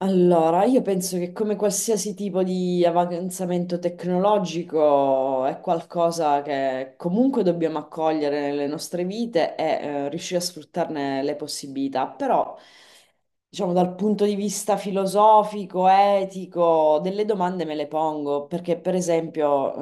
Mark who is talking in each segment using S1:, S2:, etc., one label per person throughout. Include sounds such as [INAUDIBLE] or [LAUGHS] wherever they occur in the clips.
S1: Allora, io penso che come qualsiasi tipo di avanzamento tecnologico è qualcosa che comunque dobbiamo accogliere nelle nostre vite e riuscire a sfruttarne le possibilità, però diciamo dal punto di vista filosofico, etico, delle domande me le pongo, perché per esempio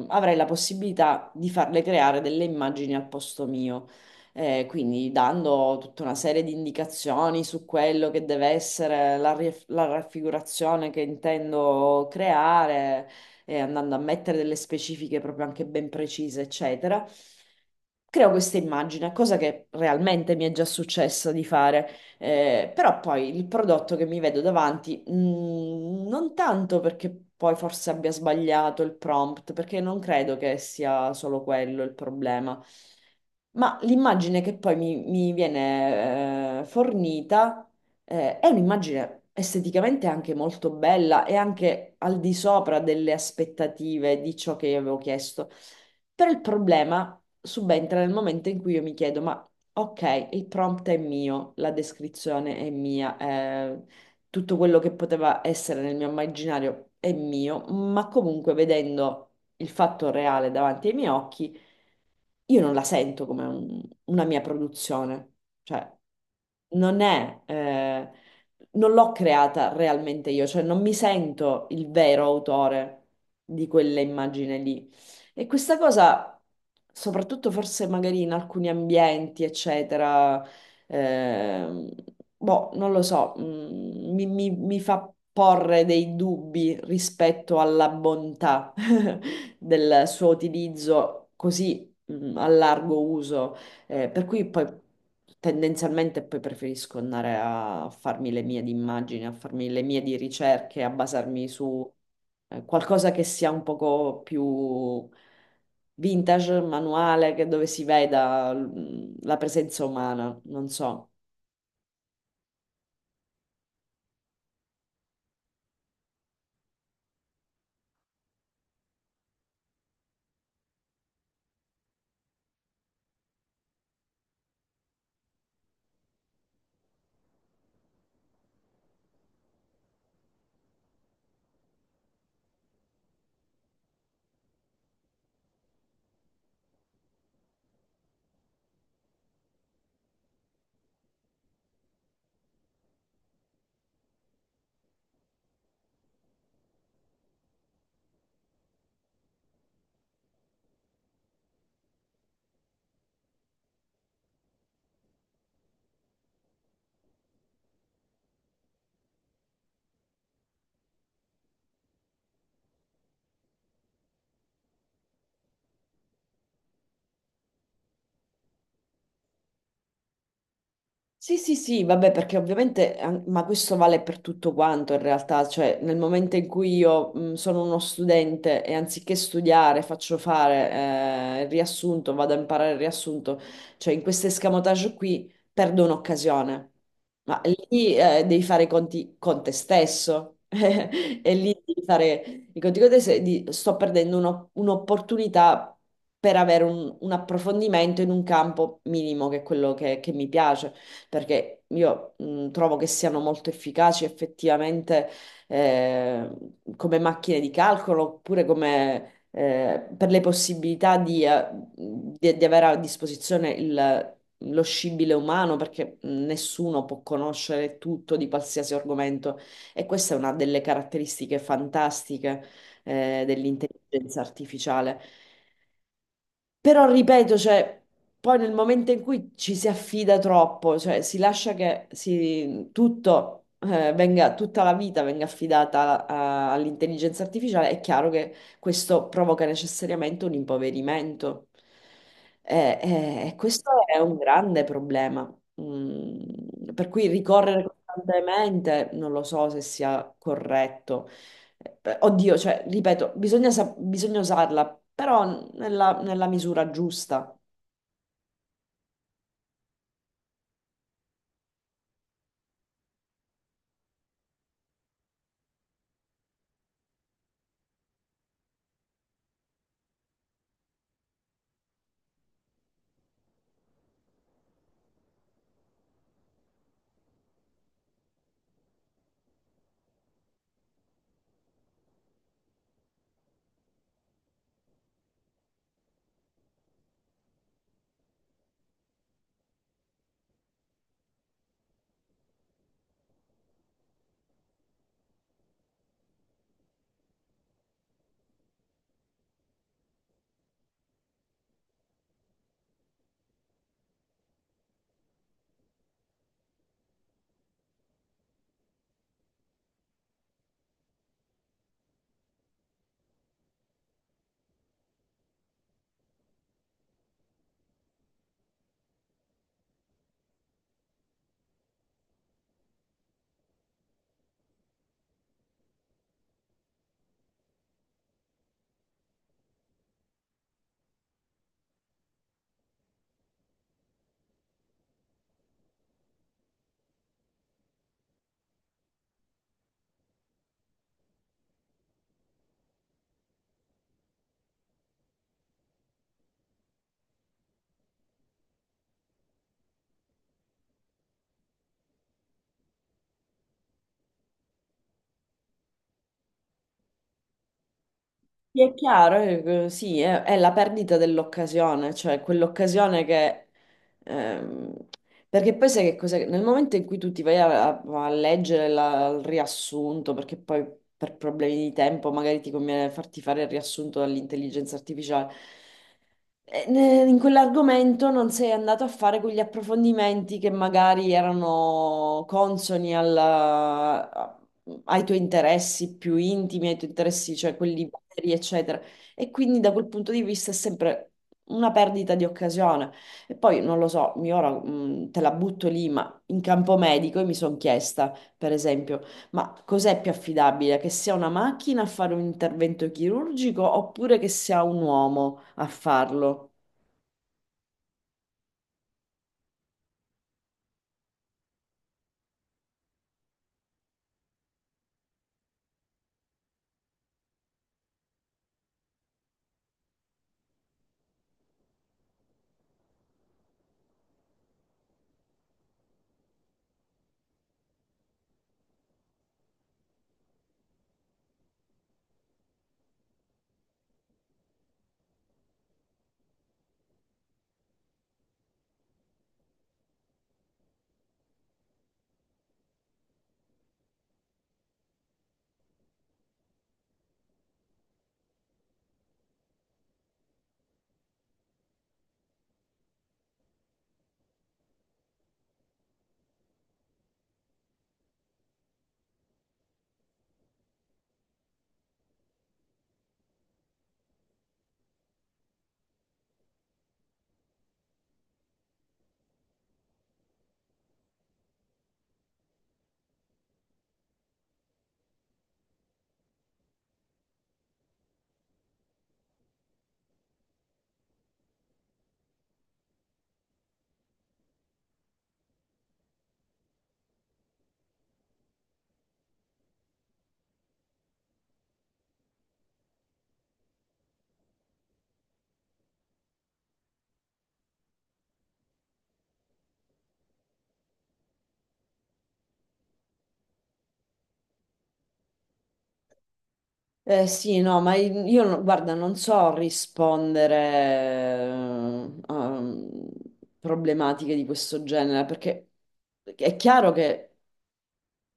S1: avrei la possibilità di farle creare delle immagini al posto mio, quindi dando tutta una serie di indicazioni su quello che deve essere la raffigurazione che intendo creare, andando a mettere delle specifiche proprio anche ben precise, eccetera. Creo questa immagine, cosa che realmente mi è già successo di fare, però poi il prodotto che mi vedo davanti, non tanto perché poi forse abbia sbagliato il prompt, perché non credo che sia solo quello il problema. Ma l'immagine che poi mi viene fornita, è un'immagine esteticamente anche molto bella e anche al di sopra delle aspettative di ciò che io avevo chiesto. Però il problema subentra nel momento in cui io mi chiedo, ma ok, il prompt è mio, la descrizione è mia, tutto quello che poteva essere nel mio immaginario è mio, ma comunque vedendo il fatto reale davanti ai miei occhi io non la sento come una mia produzione, cioè non è, non l'ho creata realmente io, cioè non mi sento il vero autore di quella immagine lì. E questa cosa, soprattutto forse magari in alcuni ambienti, eccetera, ehm, boh, non lo so, mi fa porre dei dubbi rispetto alla bontà [LAUGHS] del suo utilizzo così a largo uso, per cui poi tendenzialmente poi preferisco andare a farmi le mie di immagini, a farmi le mie di ricerche, a basarmi su qualcosa che sia un poco più vintage, manuale, che dove si veda la presenza umana, non so. Sì, sì, sì, vabbè, perché ovviamente, ma questo vale per tutto quanto in realtà, cioè nel momento in cui io sono uno studente e anziché studiare faccio fare il riassunto, vado a imparare il riassunto, cioè in questo escamotage qui perdo un'occasione, ma lì devi fare i conti con te stesso [LAUGHS] e lì devi fare i conti con te stesso, e sto perdendo un'opportunità per avere un approfondimento in un campo minimo che è quello che mi piace, perché io trovo che siano molto efficaci effettivamente, eh, come macchine di calcolo oppure come... per le possibilità di, di avere a disposizione lo scibile umano, perché nessuno può conoscere tutto di qualsiasi argomento. E questa è una delle caratteristiche fantastiche dell'intelligenza artificiale. Però ripeto, cioè, poi nel momento in cui ci si affida troppo, cioè si lascia che tutto, venga, tutta la vita venga affidata all'intelligenza artificiale, è chiaro che questo provoca necessariamente un impoverimento. Questo è un grande problema. Mm, per cui ricorrere costantemente non lo so se sia corretto. Oddio, cioè, ripeto, bisogna usarla, però nella misura giusta. Mi è chiaro, sì, è la perdita dell'occasione, cioè quell'occasione che... ehm, perché poi sai che cos'è? Nel momento in cui tu ti vai a leggere il riassunto, perché poi per problemi di tempo magari ti conviene farti fare il riassunto dall'intelligenza artificiale, in quell'argomento non sei andato a fare quegli approfondimenti che magari erano consoni ai tuoi interessi più intimi, ai tuoi interessi, cioè quelli veri, eccetera. E quindi da quel punto di vista è sempre una perdita di occasione. E poi non lo so, mi ora te la butto lì, ma in campo medico mi sono chiesta, per esempio. Ma cos'è più affidabile? Che sia una macchina a fare un intervento chirurgico oppure che sia un uomo a farlo? Sì, no, ma io, guarda, non so rispondere a problematiche di questo genere, perché è chiaro che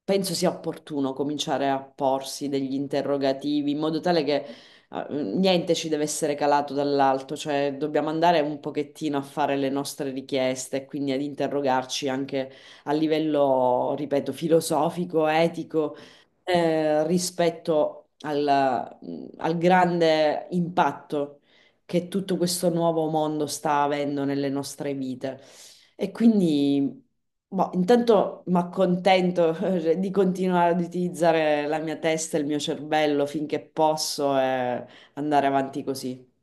S1: penso sia opportuno cominciare a porsi degli interrogativi in modo tale che niente ci deve essere calato dall'alto, cioè dobbiamo andare un pochettino a fare le nostre richieste e quindi ad interrogarci anche a livello, ripeto, filosofico, etico, rispetto al al grande impatto che tutto questo nuovo mondo sta avendo nelle nostre vite. E quindi, boh, intanto mi accontento [LAUGHS] di continuare ad utilizzare la mia testa e il mio cervello finché posso e andare avanti così.